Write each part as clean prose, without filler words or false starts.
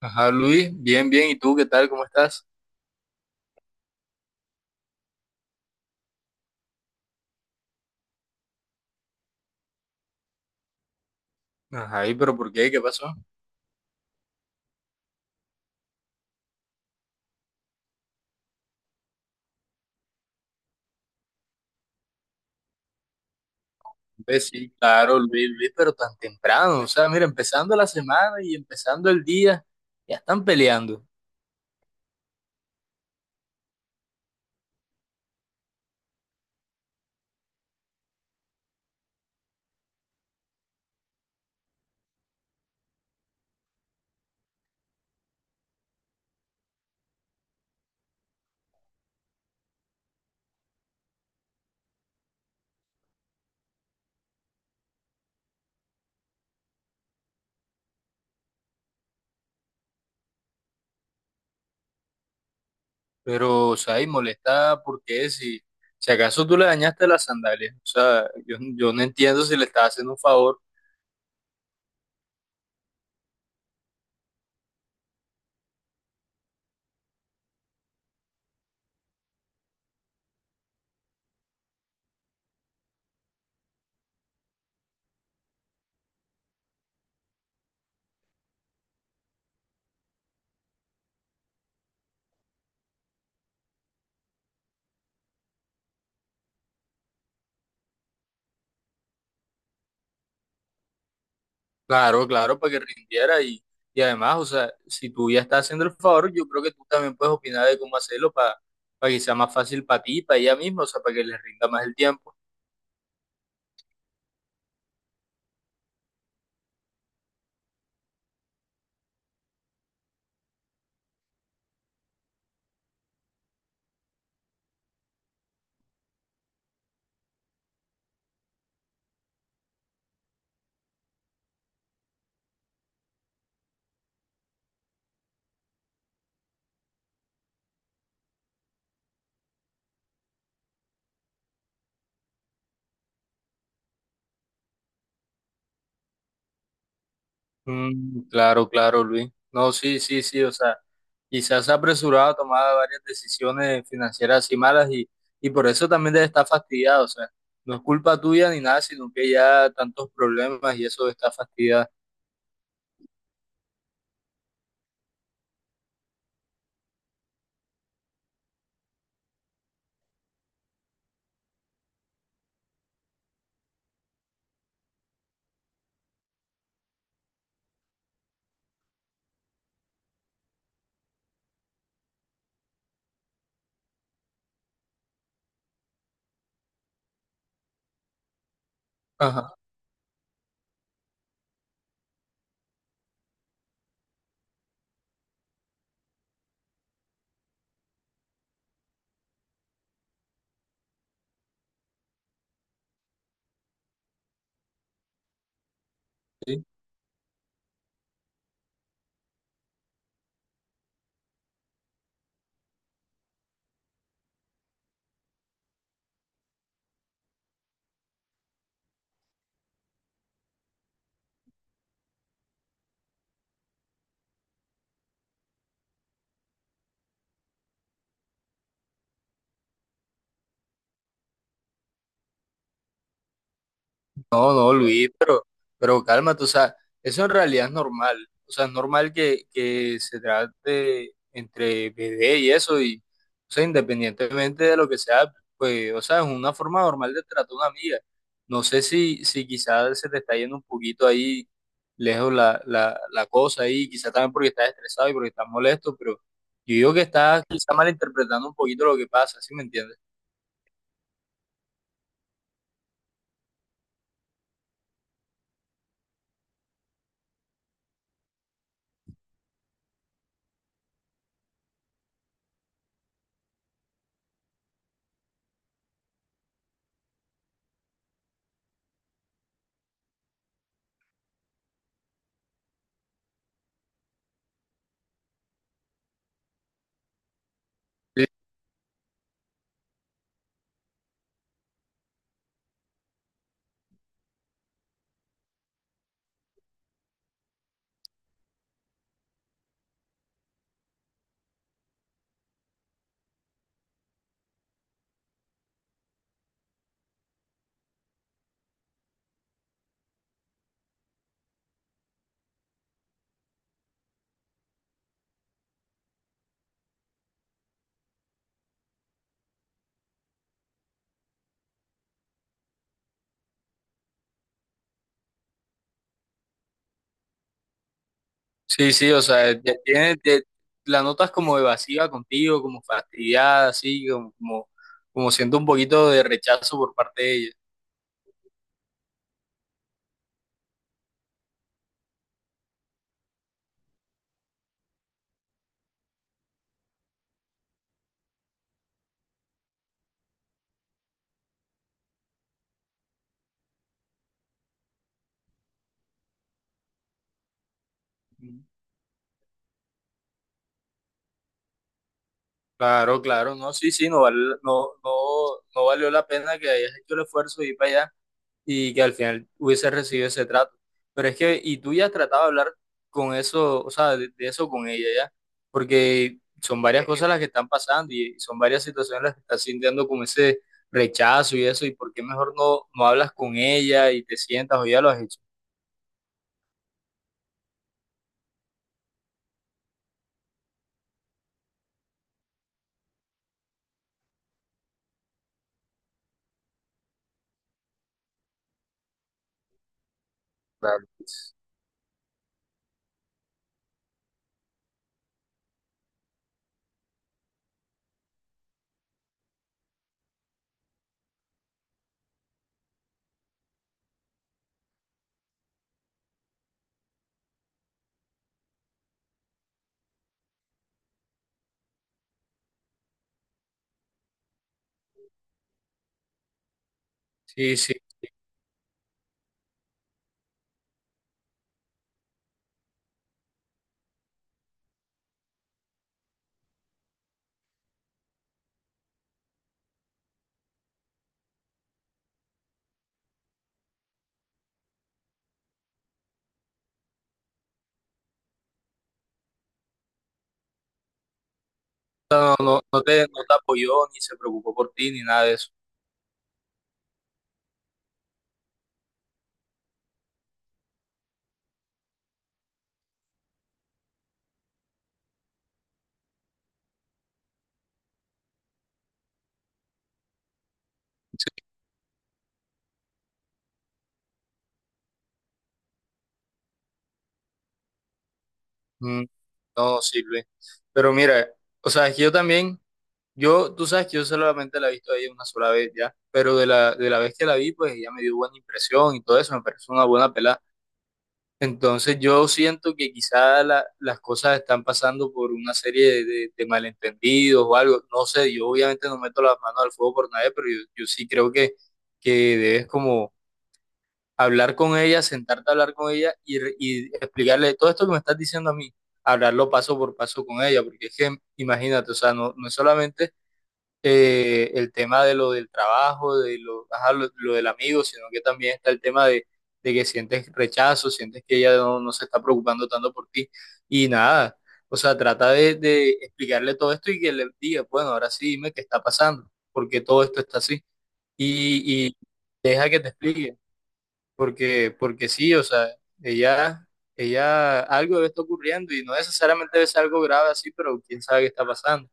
Ajá, Luis, bien, bien. ¿Y tú qué tal? ¿Cómo estás? Ajá, ¿y pero por qué? ¿Qué pasó? Pues sí, claro, Luis, pero tan temprano. O sea, mira, empezando la semana y empezando el día, ya están peleando. Pero, o sea, y molesta, ¿por qué? Si, si acaso tú le dañaste las sandalias. O sea, yo no entiendo si le estás haciendo un favor. Claro, claro, para que rindiera. Y además, o sea, si tú ya estás haciendo el favor, yo creo que tú también puedes opinar de cómo hacerlo para que sea más fácil para ti, para ella misma, o sea, para que le rinda más el tiempo. Mm, claro, claro, Luis. No, sí, sí, sí, o sea, quizás se ha apresurado a tomar varias decisiones financieras así malas y por eso también debe estar fastidiado, o sea, no es culpa tuya ni nada, sino que ya tantos problemas y eso está fastidiado. Ajá. Sí. No, no, Luis, pero cálmate, o sea, eso en realidad es normal. O sea, es normal que se trate entre bebé y eso, y, o sea, independientemente de lo que sea, pues, o sea, es una forma normal de tratar a una amiga. No sé si, si quizás se te está yendo un poquito ahí lejos la cosa ahí, quizás también porque estás estresado y porque estás molesto, pero yo digo que estás quizás malinterpretando un poquito lo que pasa, ¿sí me entiendes? Sí, sí, o sea, ya tiene, la notas como evasiva contigo, como fastidiada, así, como, como, como siento un poquito de rechazo por parte de ella. Claro, claro, no, sí, sí, no, no, no, no valió la pena que hayas hecho el esfuerzo de ir para allá, y que al final hubiese recibido ese trato. Pero es que, y tú ya has tratado de hablar con eso, o sea, de eso con ella ya, porque son varias cosas las que están pasando y son varias situaciones las que estás sintiendo como ese rechazo y eso, y por qué mejor no, no hablas con ella y te sientas o ya lo has hecho. Claro. Sí, sí, no, no, no te, no te apoyó ni se preocupó por ti ni nada de eso. Mm, no sirve. Pero mira, o sea, es que yo también... Yo, tú sabes que yo solamente la he visto a ella una sola vez ya, pero de la vez que la vi, pues ella me dio buena impresión y todo eso, me pareció una buena pelada. Entonces yo siento que quizá las cosas están pasando por una serie de, de malentendidos o algo, no sé, yo obviamente no meto las manos al fuego por nadie, pero yo sí creo que debes como hablar con ella, sentarte a hablar con ella y, y explicarle todo esto que me estás diciendo a mí, hablarlo paso por paso con ella, porque es que imagínate, o sea, no, no es solamente el tema de lo del trabajo, de lo, ajá, lo del amigo, sino que también está el tema de que sientes rechazo, sientes que ella no, no se está preocupando tanto por ti y nada. O sea, trata de explicarle todo esto y que le diga, bueno, ahora sí dime qué está pasando, porque todo esto está así. Y deja que te explique, porque, porque sí, o sea, ella, ella, algo debe estar ocurriendo y no necesariamente debe ser algo grave así, pero quién sabe qué está pasando.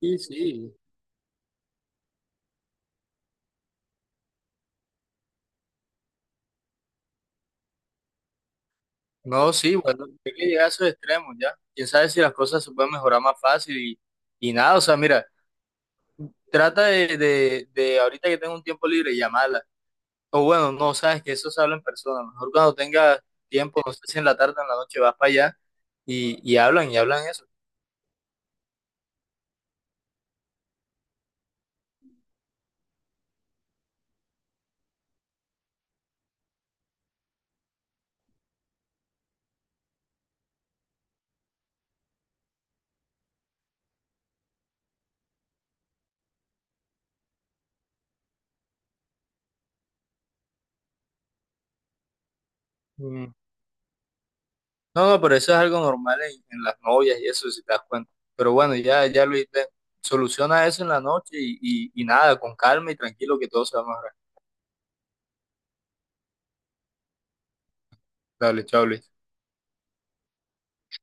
Sí, sí. No, sí, bueno, hay que llegar a esos extremos ya. Quién sabe si las cosas se pueden mejorar más fácil y nada, o sea, mira, trata de ahorita que tengo un tiempo libre, llamarla. O bueno, no, sabes que eso se habla en persona. Mejor cuando tengas tiempo, no sé si en la tarde o en la noche vas para allá y hablan eso. Mm. No, no, pero eso es algo normal en las novias y eso, si te das cuenta. Pero bueno, ya, ya Luis, ve, soluciona eso en la noche y nada, con calma y tranquilo que todo se va a mejorar. Dale, chao, Luis.